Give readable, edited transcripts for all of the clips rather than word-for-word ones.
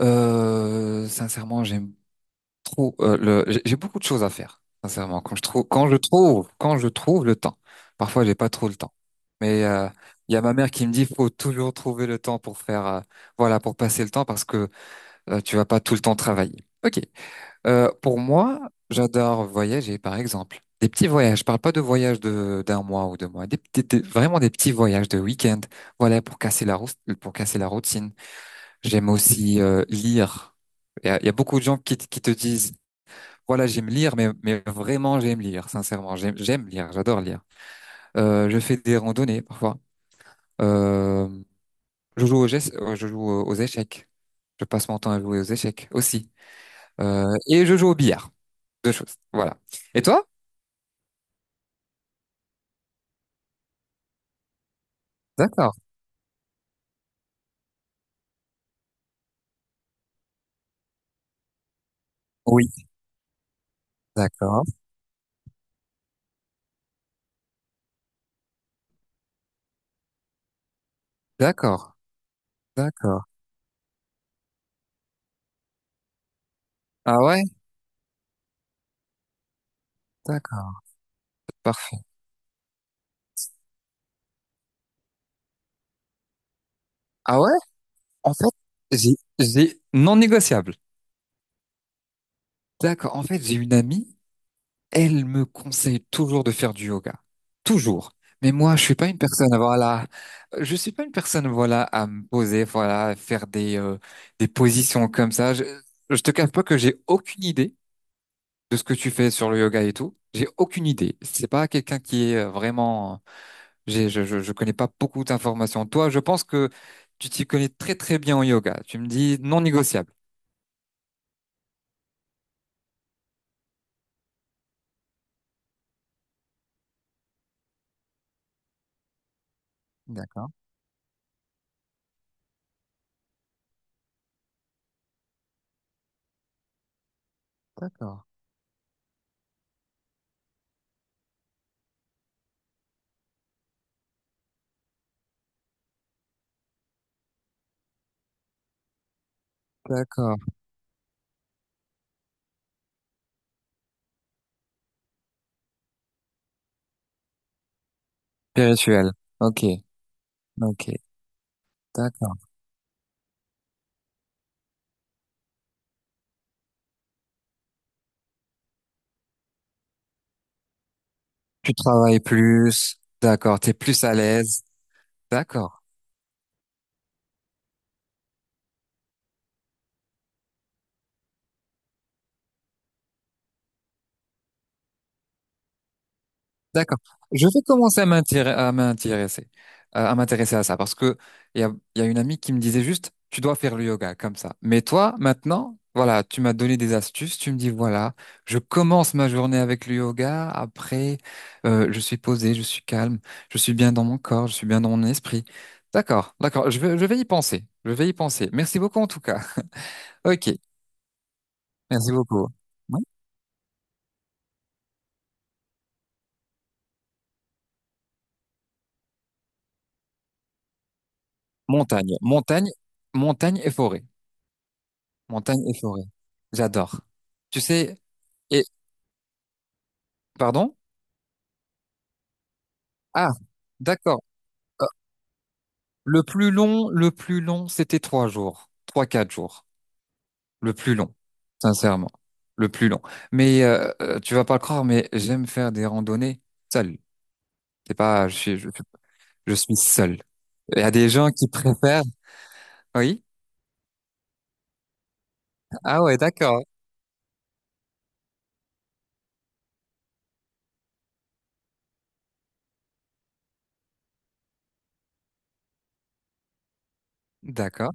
Sincèrement, j'aime trop le. J'ai beaucoup de choses à faire. Sincèrement, quand je trouve, quand je trouve, quand je trouve le temps. Parfois, j'ai pas trop le temps. Mais il y a ma mère qui me dit, faut toujours trouver le temps pour faire, voilà, pour passer le temps parce que tu vas pas tout le temps travailler. Ok. Pour moi, j'adore voyager, par exemple. Des petits voyages. Je parle pas de voyages de d'un mois ou 2 mois. Vraiment des petits voyages de week-end. Voilà, pour casser la routine. J'aime aussi lire. Il y a beaucoup de gens qui te disent, voilà, j'aime lire, mais vraiment, j'aime lire, sincèrement. J'aime lire, j'adore lire. Je fais des randonnées parfois. Euh, je joue aux échecs. Je passe mon temps à jouer aux échecs aussi. Et je joue au billard. Deux choses. Voilà. Et toi? D'accord. Oui. D'accord. D'accord. D'accord. Ah ouais? D'accord. Parfait. Ah ouais? En fait, j'ai non négociable. D'accord. En fait, j'ai une amie. Elle me conseille toujours de faire du yoga. Toujours. Mais moi, je suis pas une personne, voilà. Je suis pas une personne, voilà, à me poser, voilà, à faire des positions comme ça. Je te cache pas que j'ai aucune idée de ce que tu fais sur le yoga et tout. J'ai aucune idée. C'est pas quelqu'un qui est vraiment, je connais pas beaucoup d'informations. Toi, je pense que tu t'y connais très, très bien en yoga. Tu me dis non négociable. D'accord, d'accord, d'accord. Spirituel. Ok, ok, d'accord. Tu travailles plus, d'accord, t'es plus à l'aise, d'accord, d'accord. Je vais commencer à m'intéresser, à m'intéresser à ça parce que il y a une amie qui me disait juste, tu dois faire le yoga comme ça. Mais toi, maintenant, voilà, tu m'as donné des astuces, tu me dis voilà, je commence ma journée avec le yoga, après, je suis posé, je suis calme, je suis bien dans mon corps, je suis bien dans mon esprit. D'accord, d'accord, je vais y penser, je vais y penser. Merci beaucoup en tout cas. Ok, merci beaucoup. Montagne, montagne, montagne et forêt. Montagne et forêt. J'adore. Tu sais, et, pardon? Ah, d'accord. Euh, le plus long, c'était 3 jours. Trois, quatre jours. Le plus long. Sincèrement. Le plus long. Mais, tu vas pas le croire, mais j'aime faire des randonnées seul. C'est pas, je suis seul. Il y a des gens qui préfèrent, oui? Ah ouais, d'accord. D'accord.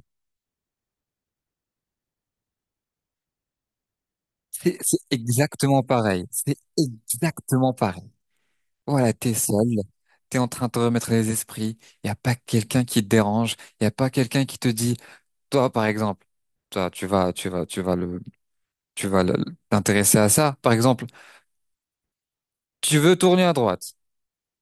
C'est exactement pareil. C'est exactement pareil. Voilà, t'es seul, t'es en train de te remettre les esprits, il n'y a pas quelqu'un qui te dérange, il n'y a pas quelqu'un qui te dit, toi par exemple, toi tu vas, tu vas, tu vas le, tu vas le- t'intéresser à ça, par exemple, tu veux tourner à droite.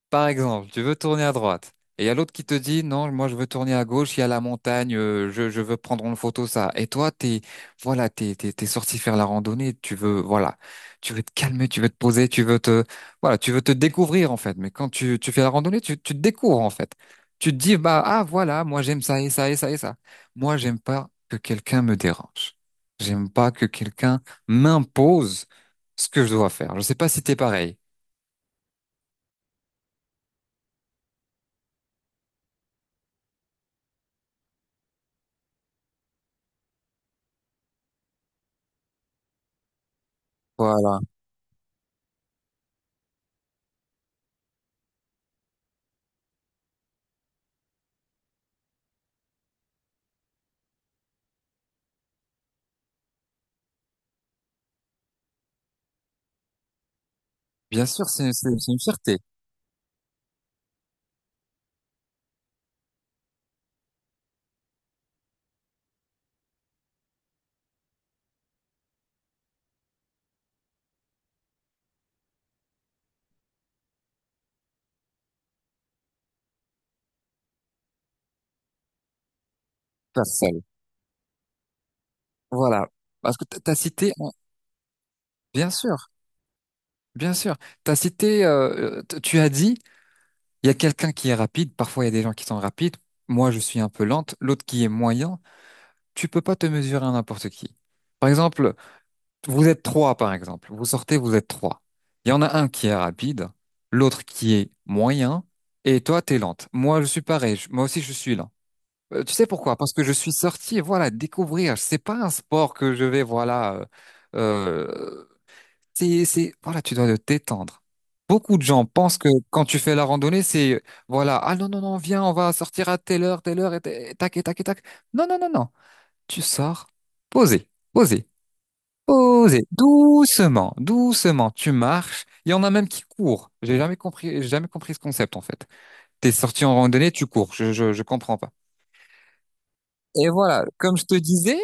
Par exemple, tu veux tourner à droite et il y a l'autre qui te dit non, moi je veux tourner à gauche, il y a la montagne, je veux prendre en photo ça. Et toi, t'es voilà, t'es sorti faire la randonnée, tu veux voilà, tu veux te calmer, tu veux te poser, tu veux te voilà, tu veux te découvrir en fait. Mais quand tu fais la randonnée, tu te découvres en fait. Tu te dis bah ah voilà, moi j'aime ça et ça et ça et ça. Moi j'aime pas que quelqu'un me dérange. J'aime pas que quelqu'un m'impose ce que je dois faire. Je sais pas si t'es pareil. Bien sûr, c'est une fierté, personne. Voilà. Parce que tu as cité, bien sûr, bien sûr, tu as cité, tu as dit, il y a quelqu'un qui est rapide, parfois il y a des gens qui sont rapides, moi je suis un peu lente, l'autre qui est moyen, tu peux pas te mesurer à n'importe qui. Par exemple, vous êtes trois, par exemple, vous sortez, vous êtes trois. Il y en a un qui est rapide, l'autre qui est moyen, et toi, tu es lente. Moi, je suis pareil, moi aussi je suis lente. Tu sais pourquoi? Parce que je suis sorti, voilà, découvrir. C'est pas un sport que je vais, voilà. Euh, voilà, tu dois te détendre. Beaucoup de gens pensent que quand tu fais la randonnée, c'est, voilà, ah non, non, non, viens, on va sortir à telle heure, et, et tac, et tac, et tac. Non, non, non, non. Tu sors, posé, posé, posé, doucement, doucement. Tu marches. Il y en a même qui courent. J'ai jamais compris ce concept, en fait. T'es sorti en randonnée, tu cours. Je comprends pas. Et voilà, comme je te disais,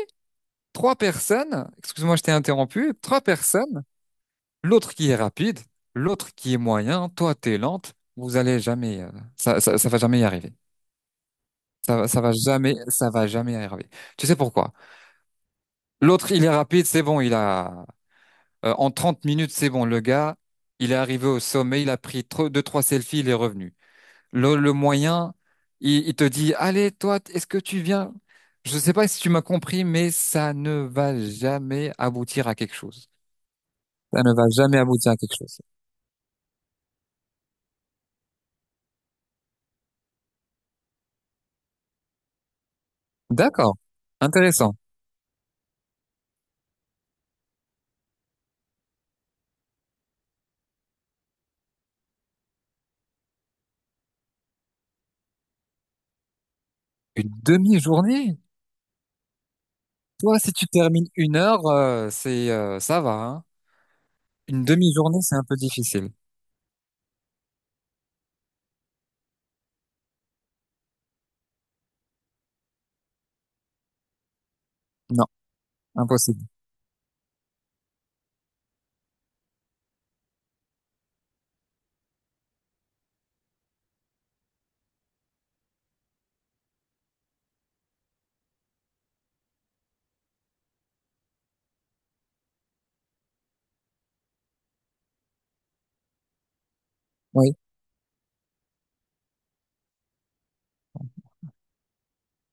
trois personnes, excuse-moi, je t'ai interrompu, trois personnes, l'autre qui est rapide, l'autre qui est moyen, toi t'es lente, vous allez jamais, ça va jamais y arriver. Ça va jamais y arriver. Tu sais pourquoi? L'autre, il est rapide, c'est bon, il a, en 30 minutes, c'est bon, le gars, il est arrivé au sommet, il a pris deux, trois selfies, il est revenu. Le moyen, il te dit, allez, toi, est-ce que tu viens? Je sais pas si tu m'as compris, mais ça ne va jamais aboutir à quelque chose. Ça ne va jamais aboutir à quelque chose. D'accord, intéressant. Une demi-journée? Toi, si tu termines une heure, c'est ça va, hein. Une demi-journée, c'est un peu difficile. Non, impossible. Oui.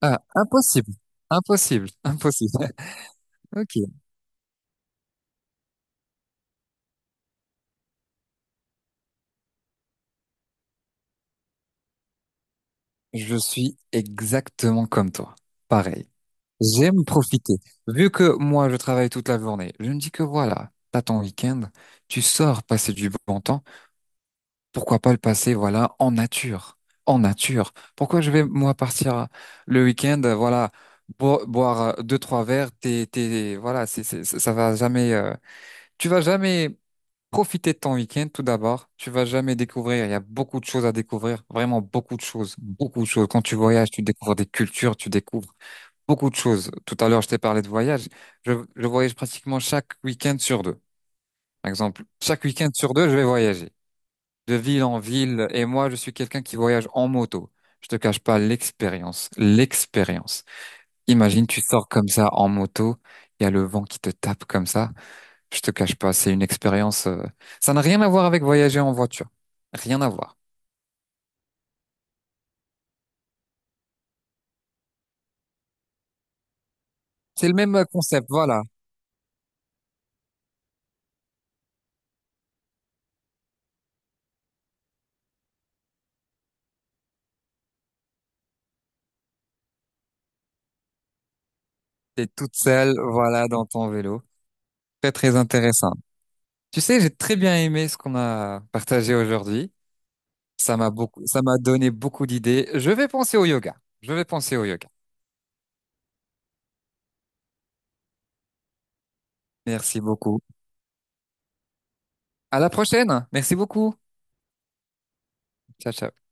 Ah, impossible. Impossible. Impossible. Ok. Je suis exactement comme toi. Pareil. J'aime profiter. Vu que moi, je travaille toute la journée, je me dis que voilà, t'as ton week-end, tu sors passer du bon temps. Pourquoi pas le passer, voilà, en nature, en nature. Pourquoi je vais moi partir le week-end, voilà, boire deux trois verres, voilà, ça va jamais, tu vas jamais profiter de ton week-end tout d'abord. Tu vas jamais découvrir. Il y a beaucoup de choses à découvrir, vraiment beaucoup de choses, beaucoup de choses. Quand tu voyages, tu découvres des cultures, tu découvres beaucoup de choses. Tout à l'heure, je t'ai parlé de voyage. Je voyage pratiquement chaque week-end sur deux. Par exemple, chaque week-end sur deux, je vais voyager de ville en ville et moi je suis quelqu'un qui voyage en moto. Je te cache pas l'expérience, l'expérience. Imagine tu sors comme ça en moto, il y a le vent qui te tape comme ça. Je te cache pas, c'est une expérience. Ça n'a rien à voir avec voyager en voiture, rien à voir. C'est le même concept, voilà. T'es toute seule, voilà, dans ton vélo. Très très intéressant. Tu sais, j'ai très bien aimé ce qu'on a partagé aujourd'hui. Ça m'a beaucoup, ça m'a donné beaucoup d'idées. Je vais penser au yoga. Je vais penser au yoga. Merci beaucoup. À la prochaine. Merci beaucoup. Ciao, ciao.